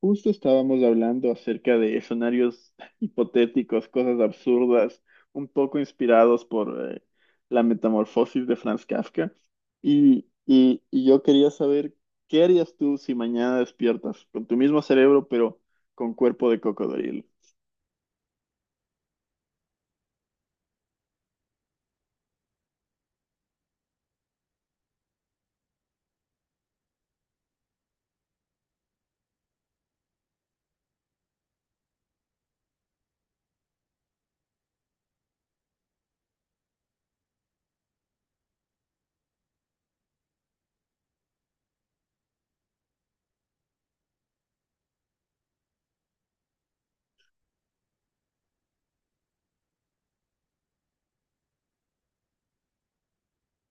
Justo estábamos hablando acerca de escenarios hipotéticos, cosas absurdas, un poco inspirados por la metamorfosis de Franz Kafka. Y yo quería saber, ¿qué harías tú si mañana despiertas con tu mismo cerebro, pero con cuerpo de cocodrilo?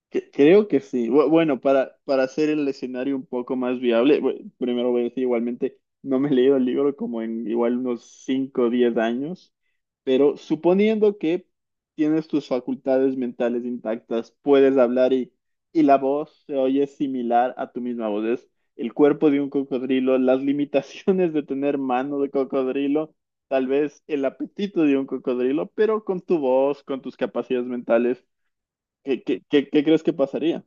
Creo que sí. Bueno, para hacer el escenario un poco más viable, primero voy a decir igualmente, no me he leído el libro como en igual unos 5 o 10 años, pero suponiendo que tienes tus facultades mentales intactas, puedes hablar y la voz se oye similar a tu misma voz. Es el cuerpo de un cocodrilo, las limitaciones de tener mano de cocodrilo, tal vez el apetito de un cocodrilo, pero con tu voz, con tus capacidades mentales. ¿Qué crees que pasaría?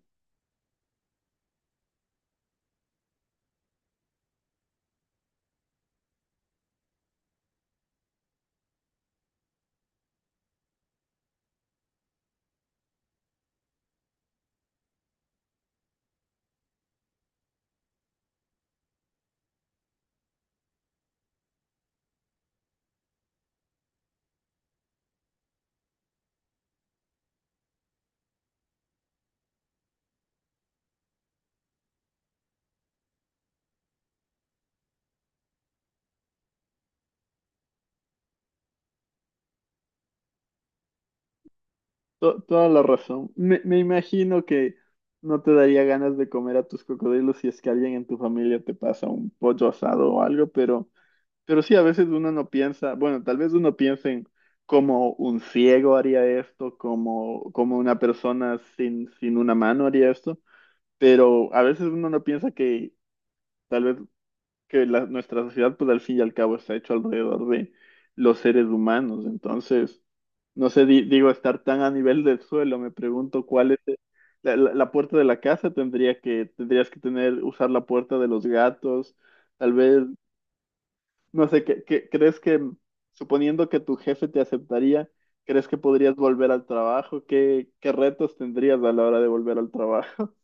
Toda la razón. Me imagino que no te daría ganas de comer a tus cocodrilos si es que alguien en tu familia te pasa un pollo asado o algo, pero sí, a veces uno no piensa, bueno, tal vez uno piensa en cómo un ciego haría esto, cómo, cómo una persona sin una mano haría esto, pero a veces uno no piensa que tal vez que nuestra sociedad, pues al fin y al cabo, está hecho alrededor de los seres humanos. Entonces, no sé, digo, estar tan a nivel del suelo, me pregunto cuál es la puerta de la casa tendrías que tener, usar la puerta de los gatos, tal vez, no sé, crees que, suponiendo que tu jefe te aceptaría, crees que podrías volver al trabajo? ¿Qué, qué retos tendrías a la hora de volver al trabajo?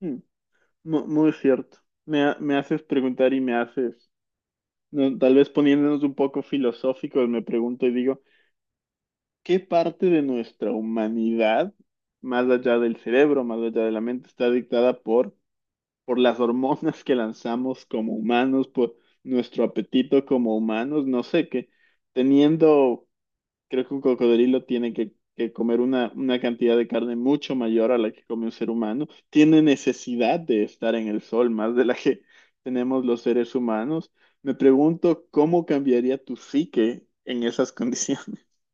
Mm, Muy cierto. Me haces preguntar y me haces. No, tal vez poniéndonos un poco filosóficos, me pregunto y digo, ¿qué parte de nuestra humanidad, más allá del cerebro, más allá de la mente, está dictada por las hormonas que lanzamos como humanos, por nuestro apetito como humanos? No sé, que teniendo. Creo que un cocodrilo tiene que comer una cantidad de carne mucho mayor a la que come un ser humano. Tiene necesidad de estar en el sol más de la que tenemos los seres humanos. Me pregunto cómo cambiaría tu psique en esas condiciones.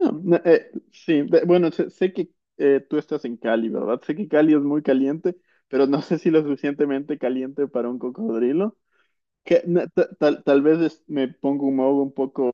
No, no, sí, bueno, sé, sé que tú estás en Cali, ¿verdad? Sé que Cali es muy caliente, pero no sé si lo suficientemente caliente para un cocodrilo. Que, na- ta- tal, tal vez me pongo un modo un poco...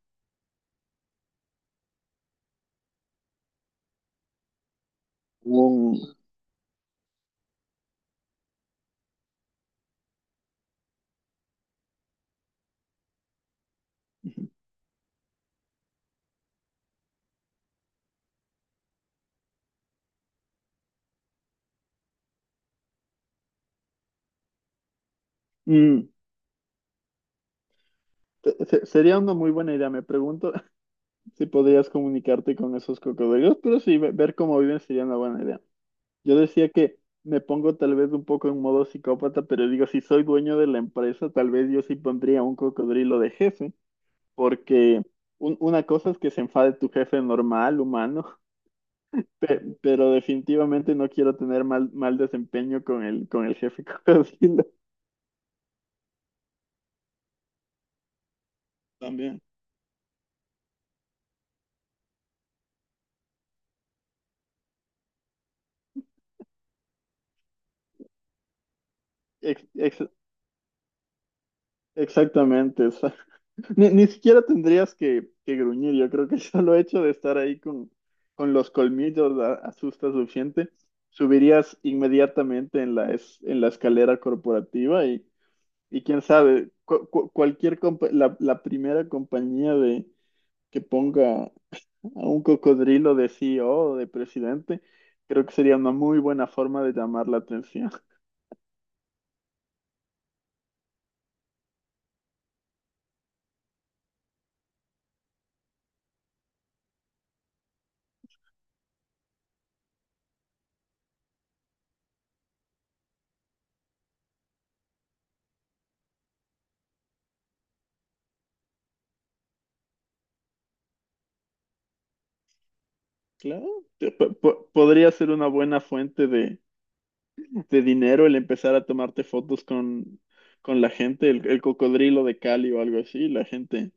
Un, Sería una muy buena idea, me pregunto si podrías comunicarte con esos cocodrilos, pero sí, ver cómo viven sería una buena idea. Yo decía que me pongo tal vez un poco en modo psicópata, pero digo, si soy dueño de la empresa, tal vez yo sí pondría un cocodrilo de jefe, porque una cosa es que se enfade tu jefe normal, humano, pero definitivamente no quiero tener mal desempeño con el jefe cocodrilo. También. Ex- ex- exactamente. Ni, ni siquiera tendrías que gruñir. Yo creo que el solo hecho de estar ahí con los colmillos asusta suficiente. Subirías inmediatamente en en la escalera corporativa y quién sabe, cualquier la primera compañía de, que ponga a un cocodrilo de CEO o de presidente, creo que sería una muy buena forma de llamar la atención. Claro, podría ser una buena fuente de dinero el empezar a tomarte fotos con la gente, el cocodrilo de Cali o algo así, la gente.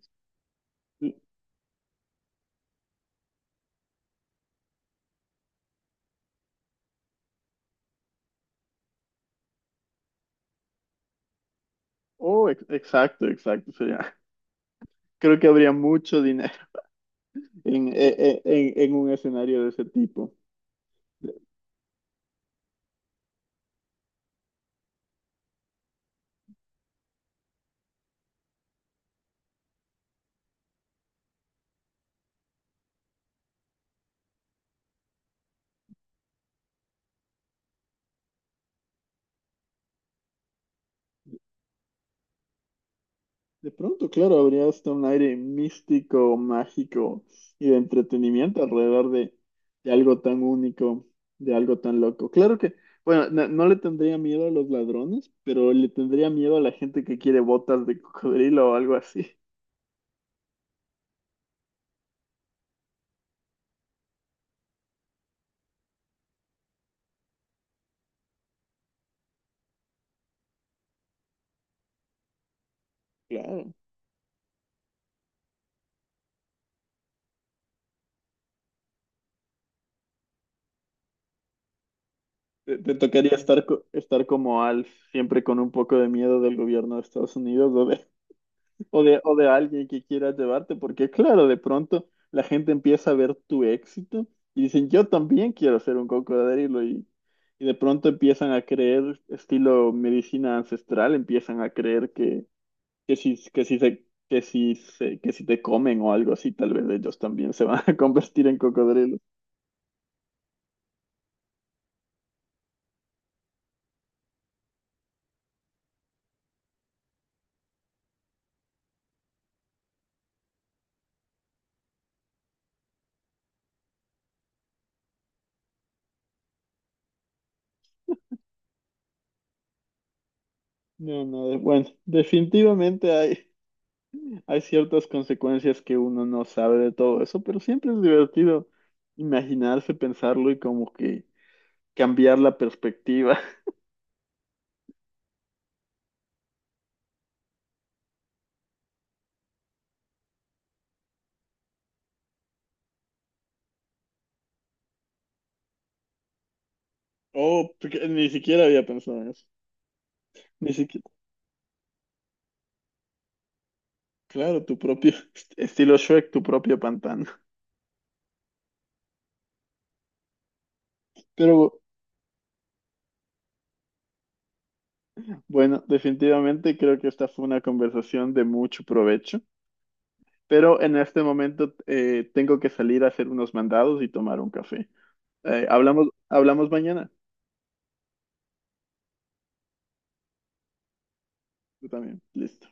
Oh, exacto, exacto. Sería, creo que habría mucho dinero en, en un escenario de ese tipo. De pronto, claro, habría hasta un aire místico, mágico y de entretenimiento alrededor de algo tan único, de algo tan loco. Claro que, bueno, no, no le tendría miedo a los ladrones, pero le tendría miedo a la gente que quiere botas de cocodrilo o algo así. Claro. Te tocaría estar, estar como Alf, siempre con un poco de miedo del gobierno de Estados Unidos o de, o de alguien que quiera llevarte, porque claro, de pronto la gente empieza a ver tu éxito y dicen, yo también quiero ser un cocodrilo y de pronto empiezan a creer, estilo medicina ancestral, empiezan a creer que, que si se... Que si, que si te comen o algo así, tal vez ellos también se van a convertir en cocodrilos. No, no, bueno, definitivamente hay, hay ciertas consecuencias que uno no sabe de todo eso, pero siempre es divertido imaginarse, pensarlo y como que cambiar la perspectiva. Oh, porque ni siquiera había pensado en eso. Ni siquiera, claro, tu propio estilo Shrek, tu propio pantano. Pero bueno, definitivamente creo que esta fue una conversación de mucho provecho. Pero en este momento tengo que salir a hacer unos mandados y tomar un café. Hablamos mañana. Tú también. Listo.